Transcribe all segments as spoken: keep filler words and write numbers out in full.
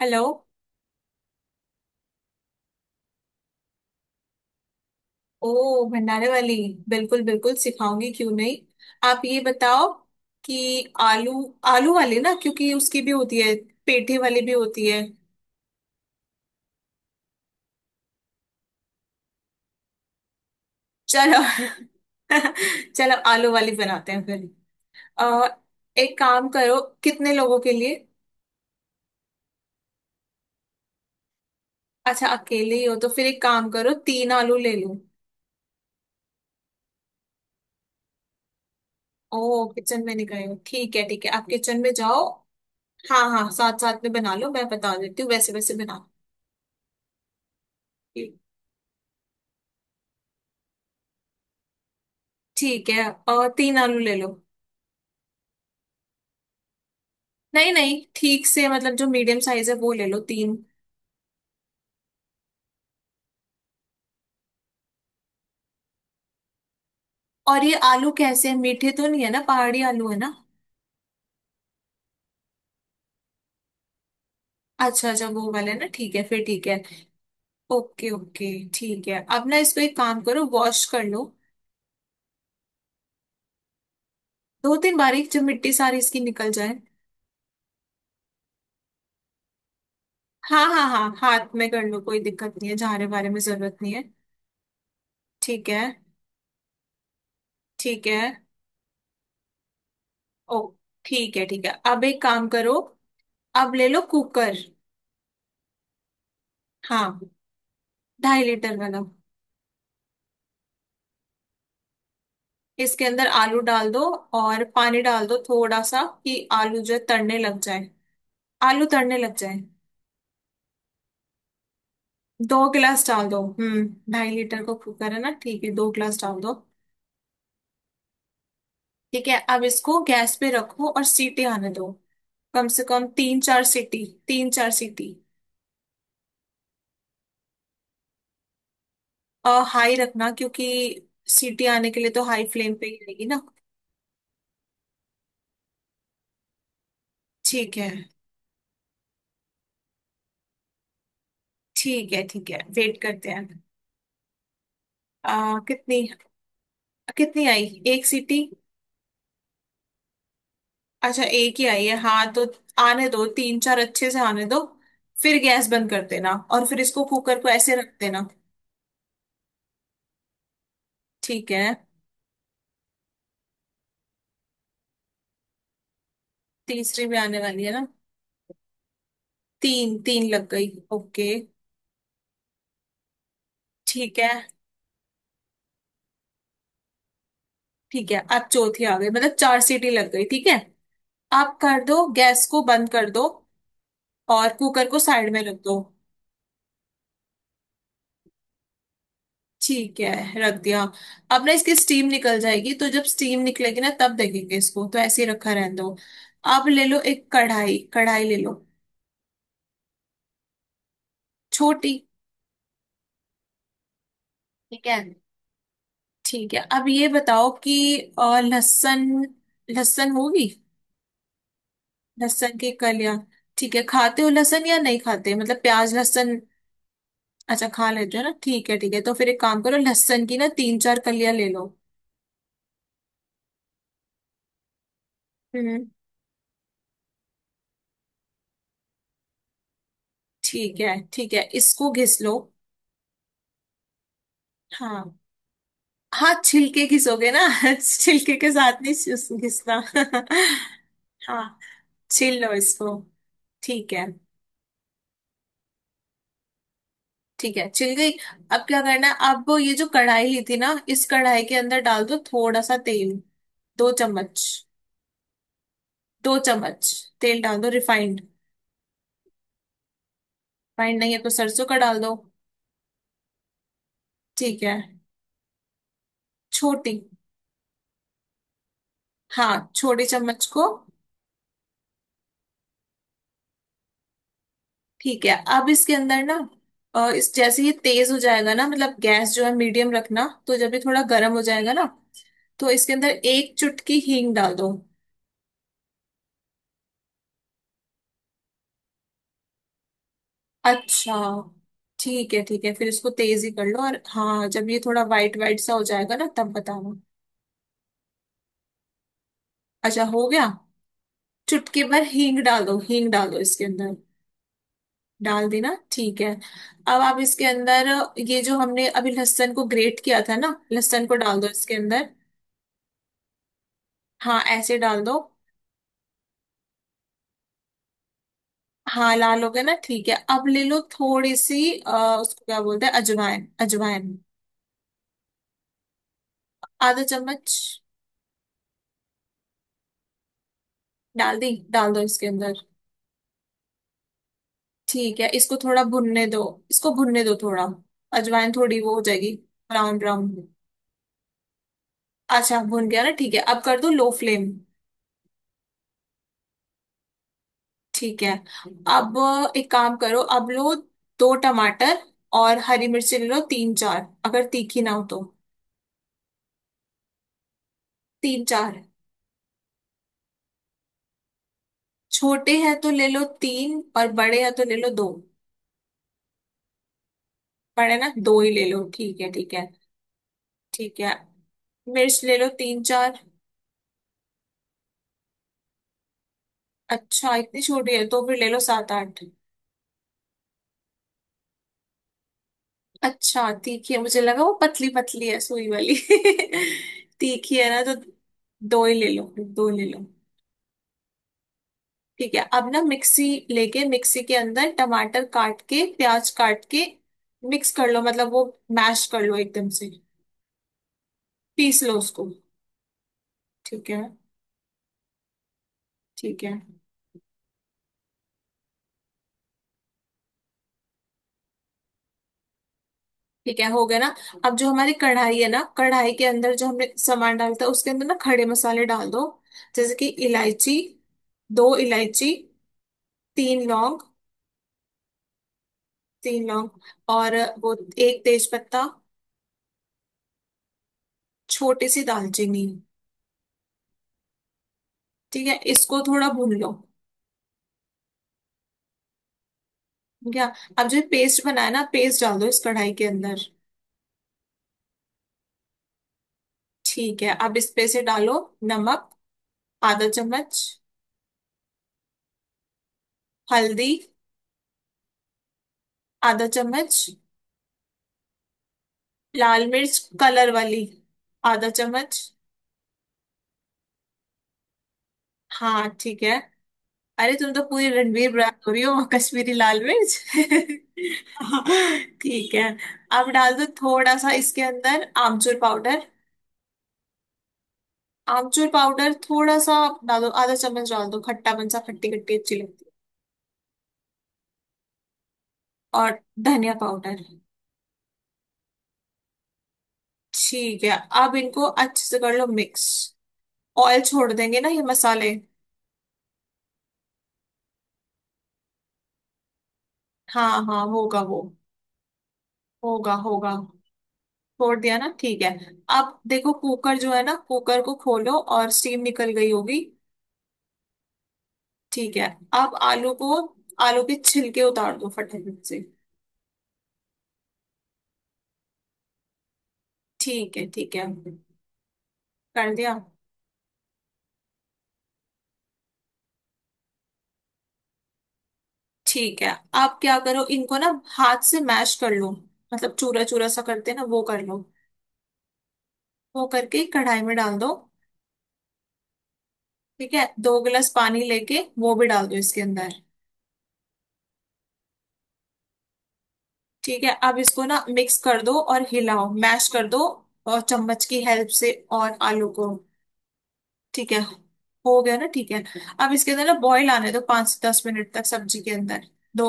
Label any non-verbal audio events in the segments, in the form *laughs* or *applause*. Hello. ओ भंडारे वाली। बिल्कुल बिल्कुल सिखाऊंगी क्यों नहीं। आप ये बताओ कि आलू। आलू वाली ना क्योंकि उसकी भी होती है। पेठे वाली भी होती है। चलो। *laughs* चलो आलू वाली बनाते हैं फिर। अ, एक काम करो कितने लोगों के लिए। अच्छा अकेले ही हो तो फिर एक काम करो तीन आलू ले लो। ओ किचन में नहीं गए हो। ठीक है ठीक है आप किचन में जाओ। हाँ हाँ साथ साथ में बना लो मैं बता देती हूँ वैसे वैसे बना। ठीक। ठीक है। और तीन आलू ले लो। नहीं नहीं ठीक से मतलब जो मीडियम साइज है वो ले लो तीन। और ये आलू कैसे हैं मीठे तो नहीं है ना पहाड़ी आलू है ना। अच्छा अच्छा वो वाले ना ठीक है फिर ठीक है। Okay okay. ठीक है अब ना इसको एक काम करो वॉश कर लो। दो तीन बार एक जब मिट्टी सारी इसकी निकल जाए। हाँ हाँ हाँ हाथ में कर लो कोई दिक्कत नहीं है झाड़े वारे में जरूरत नहीं है। ठीक है ठीक है। ओ ठीक है ठीक है अब एक काम करो। अब ले लो कुकर। हाँ ढाई लीटर वाला। इसके अंदर आलू डाल दो और पानी डाल दो थोड़ा सा कि आलू जो है तड़ने लग जाए। आलू तड़ने लग जाए। दो गिलास डाल दो। हम्म। ढाई लीटर का कुकर है ना ठीक है दो गिलास डाल दो। ठीक है अब इसको गैस पे रखो और सीटी आने दो। कम से कम तीन चार सीटी तीन चार सीटी। और हाई रखना क्योंकि सीटी आने के लिए तो हाई फ्लेम पे ही रहेगी ना। ठीक है ठीक है। ठीक है वेट करते हैं। आ, कितनी। कितनी आई। एक सीटी। अच्छा एक ही आई है हाँ तो। आने दो तीन चार अच्छे से आने दो। फिर गैस बंद कर देना और फिर इसको कुकर को ऐसे रख देना। ठीक है। तीसरी भी आने वाली है ना। तीन तीन लग गई ओके। ठीक है। ठीक है अब चौथी आ गई मतलब चार सीटी लग गई ठीक है। आप कर दो गैस को बंद कर दो और कुकर को साइड में रख दो। ठीक है रख दिया। अब ना इसकी स्टीम निकल जाएगी तो जब स्टीम निकलेगी ना तब देखेंगे इसको तो ऐसे ही रखा रहने दो। अब ले लो एक कढ़ाई कढ़ाई ले लो। छोटी। ठीक है ठीक है अब ये बताओ कि अ, लहसुन। लहसुन होगी। लहसुन की कलियां। ठीक है खाते हो लहसुन या नहीं खाते मतलब प्याज लहसुन। अच्छा खा लेते हो ना ठीक है ठीक है तो फिर एक काम करो लहसुन की ना तीन चार कलियां ले लो। हम्म। ठीक है ठीक है इसको घिस लो। हाँ हाँ छिलके घिसोगे ना। *laughs* छिलके के साथ नहीं घिस- घिसना। *laughs* हाँ छील लो इसको। ठीक है ठीक है छिल गई। अब क्या करना है। आप ये जो कढ़ाई ली थी ना इस कढ़ाई के अंदर डाल दो थोड़ा सा तेल। दो चम्मच। दो चम्मच तेल डाल दो रिफाइंड। रिफाइंड नहीं है तो सरसों का डाल दो। ठीक है छोटी। हाँ छोटी चम्मच को। ठीक है अब इसके अंदर ना अ, इस जैसे ये तेज हो जाएगा ना मतलब गैस जो है मीडियम रखना तो जब ये थोड़ा गर्म हो जाएगा ना तो इसके अंदर एक चुटकी हींग डाल दो। अच्छा ठीक है ठीक है फिर इसको तेज ही कर लो और हाँ जब ये थोड़ा वाइट वाइट सा हो जाएगा ना तब बताना। अच्छा हो गया चुटकी भर हींग डाल दो हींग डाल दो इसके अंदर। डाल दी ना ठीक है। अब आप इसके अंदर ये जो हमने अभी लहसुन को ग्रेट किया था ना लहसुन को डाल दो इसके अंदर। हाँ ऐसे डाल दो। हाँ लाल हो गया ना ठीक है अब ले लो थोड़ी सी आ, उसको क्या बोलते हैं अजवाइन अजवाइन। आधा चम्मच। डाल दी डाल दो इसके अंदर। ठीक है इसको थोड़ा भुनने दो। इसको भुनने दो थोड़ा अजवाइन थोड़ी वो हो जाएगी ब्राउन ब्राउन। अच्छा भुन गया ना ठीक है अब कर दो लो फ्लेम। ठीक है अब एक काम करो अब लो दो टमाटर और हरी मिर्ची ले लो तीन चार अगर तीखी ना हो तो तीन चार। छोटे हैं तो ले लो तीन और बड़े हैं तो ले लो दो। बड़े ना दो ही ले लो ठीक है ठीक है। ठीक है मिर्च ले लो तीन चार। अच्छा इतनी छोटी है तो फिर ले लो सात आठ। अच्छा तीखी है मुझे लगा वो पतली पतली है सुई वाली। *laughs* तीखी है ना तो दो ही ले लो दो ले लो। ठीक है अब ना मिक्सी लेके मिक्सी के अंदर टमाटर काट के प्याज काट के मिक्स कर लो मतलब वो मैश कर लो एकदम से पीस लो उसको। ठीक है ठीक है। ठीक है हो गया ना अब जो हमारी कढ़ाई है ना कढ़ाई के अंदर जो हमने सामान डालता है उसके अंदर ना खड़े मसाले डाल दो जैसे कि इलायची। दो इलायची। तीन लौंग। तीन लौंग और वो एक तेज पत्ता। छोटी सी दालचीनी। ठीक है इसको थोड़ा भून लो। ठीक है अब जो पेस्ट बनाया ना पेस्ट डाल दो इस कढ़ाई के अंदर। ठीक है अब इस पे से डालो नमक आधा चम्मच। हल्दी आधा चम्मच। लाल मिर्च कलर वाली आधा चम्मच। हाँ ठीक है अरे तुम तो पूरी रणवीर ब्रांड हो रही हो कश्मीरी लाल मिर्च *laughs* ठीक है। अब डाल दो थोड़ा सा इसके अंदर आमचूर पाउडर। आमचूर पाउडर थोड़ा सा आप डाल दो आधा चम्मच डाल दो खट्टापन सा खट्टी खट्टी अच्छी लगती है और धनिया पाउडर। ठीक है अब इनको अच्छे से कर लो मिक्स। ऑयल छोड़ देंगे ना ये मसाले। हाँ हाँ होगा वो होगा होगा छोड़ दिया ना ठीक है। अब देखो कुकर जो है ना कुकर को खोलो और स्टीम निकल गई होगी। ठीक है अब आलू को आलू के छिलके उतार दो फटाफट से। ठीक है ठीक है कर दिया। ठीक है आप क्या करो इनको ना हाथ से मैश कर लो मतलब चूरा चूरा सा करते हैं ना वो कर लो। वो करके कढ़ाई में डाल दो। ठीक है दो गिलास पानी लेके वो भी डाल दो इसके अंदर। ठीक है अब इसको ना मिक्स कर दो और हिलाओ मैश कर दो और चम्मच की हेल्प से और आलू को। ठीक है हो गया ना ठीक है अब इसके अंदर ना बॉईल आने दो पांच से दस मिनट तक सब्जी के अंदर दो।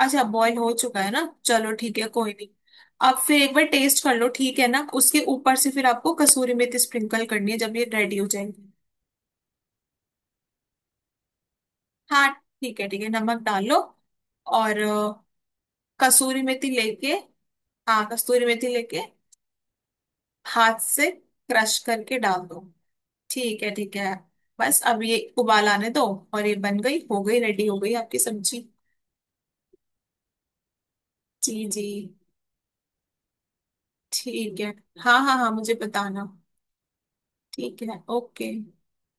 अच्छा बॉईल हो चुका है ना चलो ठीक है कोई नहीं। आप फिर एक बार टेस्ट कर लो ठीक है ना उसके ऊपर से फिर आपको कसूरी मेथी स्प्रिंकल करनी है जब ये रेडी हो जाएगी। हाँ ठीक है ठीक है नमक डाल लो और अ, कसूरी मेथी लेके। हाँ कसूरी मेथी लेके हाथ से क्रश करके डाल दो। ठीक है ठीक है बस अब ये उबाल आने दो और ये बन गई हो गई रेडी हो गई आपकी सब्जी। जी जी ठीक है हाँ हाँ हाँ मुझे बताना ठीक है ओके।